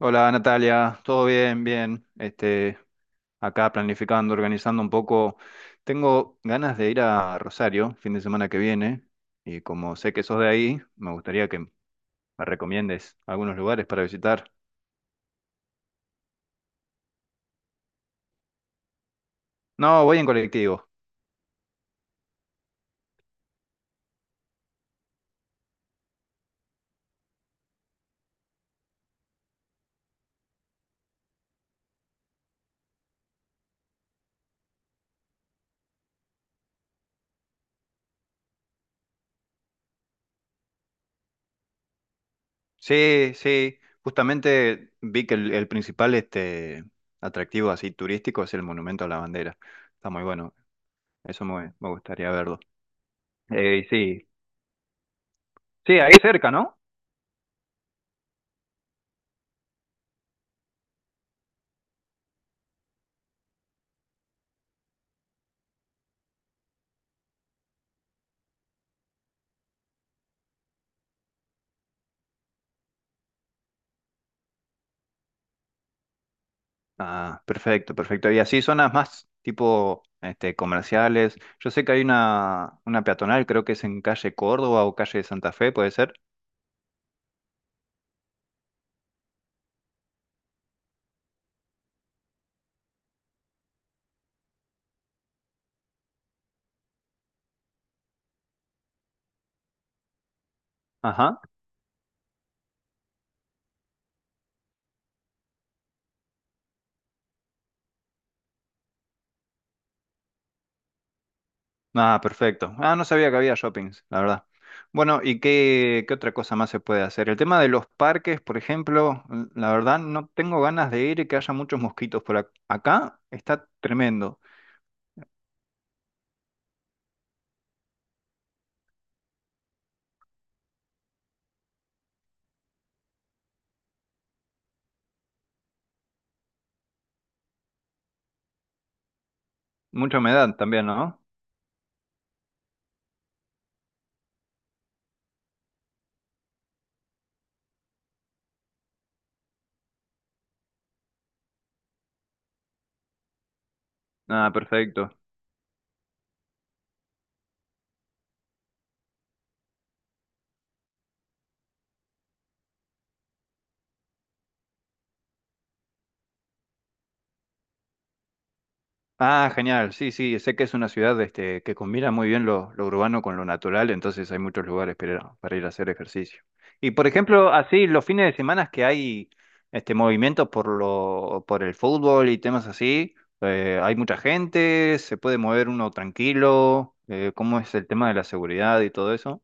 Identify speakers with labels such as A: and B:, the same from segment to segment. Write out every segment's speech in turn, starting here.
A: Hola Natalia, todo bien, bien. Acá planificando, organizando un poco. Tengo ganas de ir a Rosario fin de semana que viene y como sé que sos de ahí, me gustaría que me recomiendes algunos lugares para visitar. No, voy en colectivo. Sí, sí. Justamente vi que el principal atractivo así turístico es el Monumento a la Bandera. Está muy bueno. Eso me gustaría verlo. Sí, sí, ahí cerca, ¿no? Ah, perfecto, perfecto. Y así zonas más tipo comerciales. Yo sé que hay una peatonal, creo que es en calle Córdoba o calle Santa Fe, ¿puede ser? Ajá. Ah, perfecto. Ah, no sabía que había shoppings, la verdad. Bueno, ¿ qué otra cosa más se puede hacer? El tema de los parques, por ejemplo, la verdad no tengo ganas de ir y que haya muchos mosquitos por acá. Está tremendo. Mucha humedad también, ¿no? Ah, perfecto. Ah, genial. Sí, sí, sé que es una ciudad que combina muy bien lo urbano con lo natural, entonces hay muchos lugares para ir a hacer ejercicio. Y por ejemplo, así los fines de semana que hay este movimientos por por el fútbol y temas así, hay mucha gente, se puede mover uno tranquilo, ¿cómo es el tema de la seguridad y todo eso?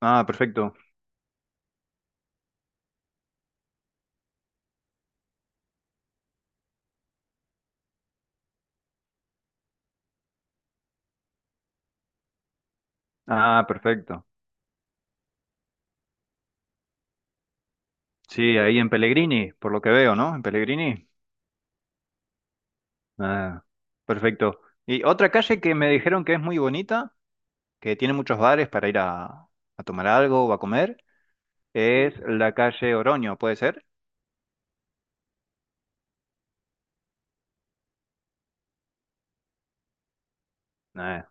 A: Ah, perfecto. Ah, perfecto. Sí, ahí en Pellegrini, por lo que veo, ¿no? En Pellegrini. Ah, perfecto. Y otra calle que me dijeron que es muy bonita que tiene muchos bares para ir a tomar algo o a comer. Es la calle Oroño, ¿puede ser? Eh.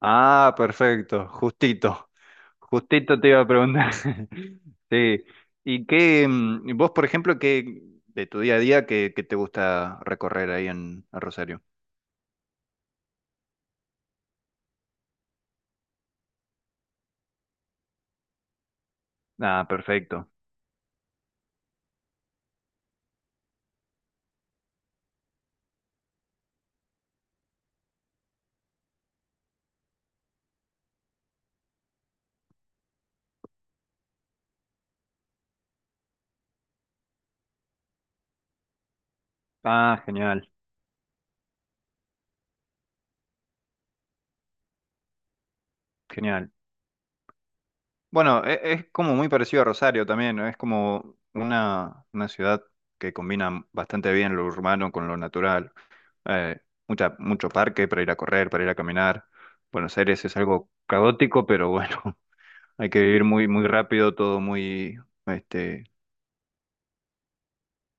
A: Ah, perfecto, justito. Justito te iba a preguntar. Sí. ¿ vos, por ejemplo, qué de tu día a día, qué te gusta recorrer ahí en Rosario? Ah, perfecto. Ah, genial, genial. Bueno, es como muy parecido a Rosario también, ¿no? Es como una ciudad que combina bastante bien lo urbano con lo natural. eh, mucho parque para ir a correr, para ir a caminar. Buenos Aires es algo caótico, pero bueno, hay que vivir muy rápido, todo muy, este,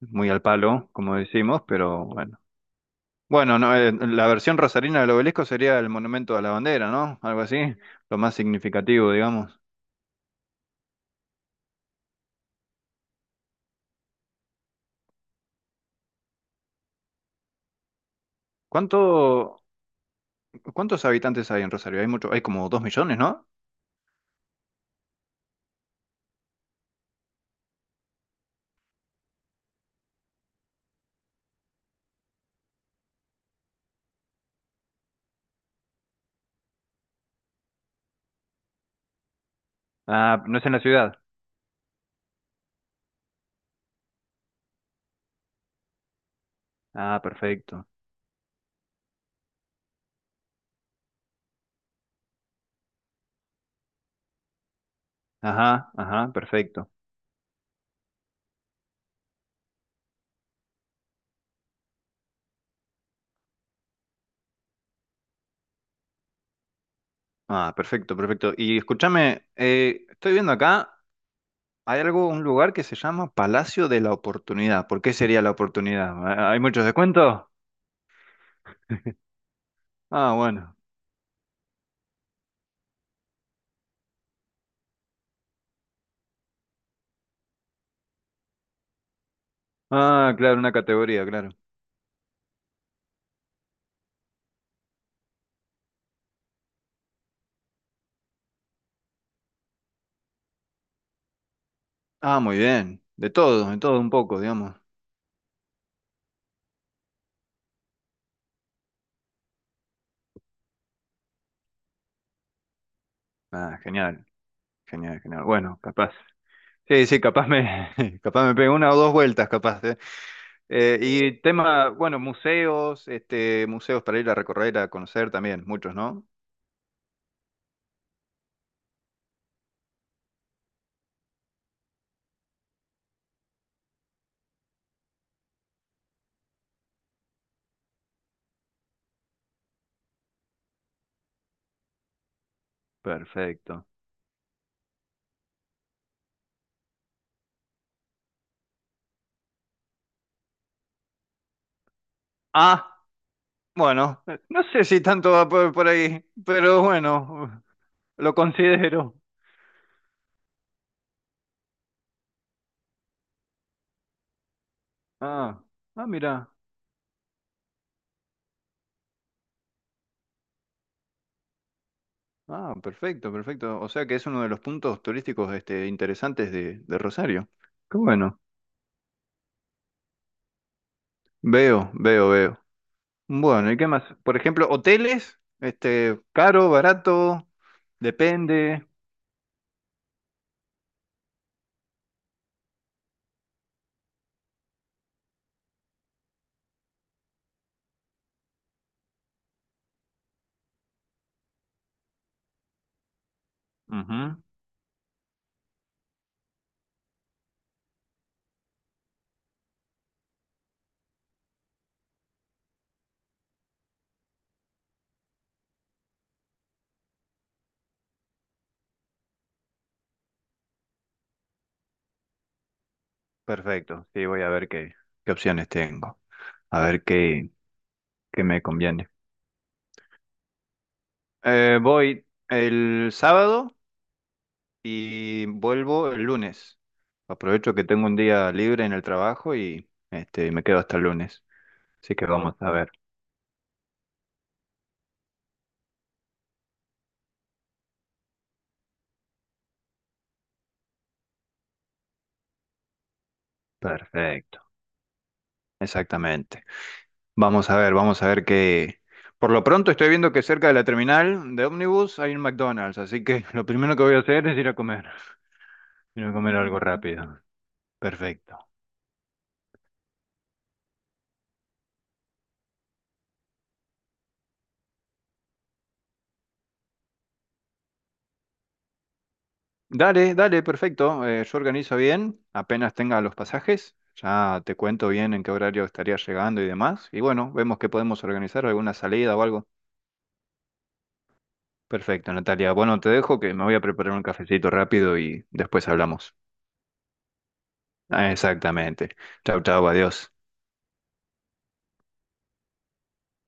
A: muy al palo, como decimos, pero bueno. Bueno, no, la versión rosarina del obelisco sería el monumento a la bandera, ¿no? Algo así, lo más significativo, digamos. ¿Cuánto, ¿cuántos habitantes hay en Rosario? Hay mucho, hay como dos millones, ¿no? Ah, no es en la ciudad. Ah, perfecto. Ajá, ajá, perfecto. Ah, perfecto, perfecto. Y escúchame, estoy viendo acá, hay algo, un lugar que se llama Palacio de la Oportunidad. ¿Por qué sería la oportunidad? ¿Hay muchos descuentos? Ah, bueno. Ah, claro, una categoría, claro. Ah, muy bien. De todo un poco, digamos. Ah, genial, genial, genial. Bueno, capaz. Sí, sí, capaz me pego una o dos vueltas, capaz. Y tema, bueno, museos, museos para ir a recorrer, a conocer también, muchos, ¿no? Perfecto. Ah, bueno, no sé si tanto va por ahí, pero bueno, lo considero. Ah, ah, mira. Ah, perfecto, perfecto. O sea que es uno de los puntos turísticos interesantes de Rosario. Qué bueno. Veo, veo, veo. Bueno, ¿y qué más? Por ejemplo, hoteles, caro, barato, depende. Ujú. Perfecto. Sí, voy a ver qué opciones tengo. A ver qué me conviene. Voy el sábado y vuelvo el lunes. Aprovecho que tengo un día libre en el trabajo y me quedo hasta el lunes. Así que vamos a ver. Perfecto. Exactamente. Vamos a ver qué... Por lo pronto estoy viendo que cerca de la terminal de ómnibus hay un McDonald's, así que lo primero que voy a hacer es ir a comer. Ir a comer algo rápido. Perfecto. Dale, dale, perfecto. Yo organizo bien, apenas tenga los pasajes, ya te cuento bien en qué horario estaría llegando y demás. Y bueno, vemos que podemos organizar alguna salida o algo. Perfecto, Natalia. Bueno, te dejo que me voy a preparar un cafecito rápido y después hablamos. Ah, exactamente. Chau, chau, adiós.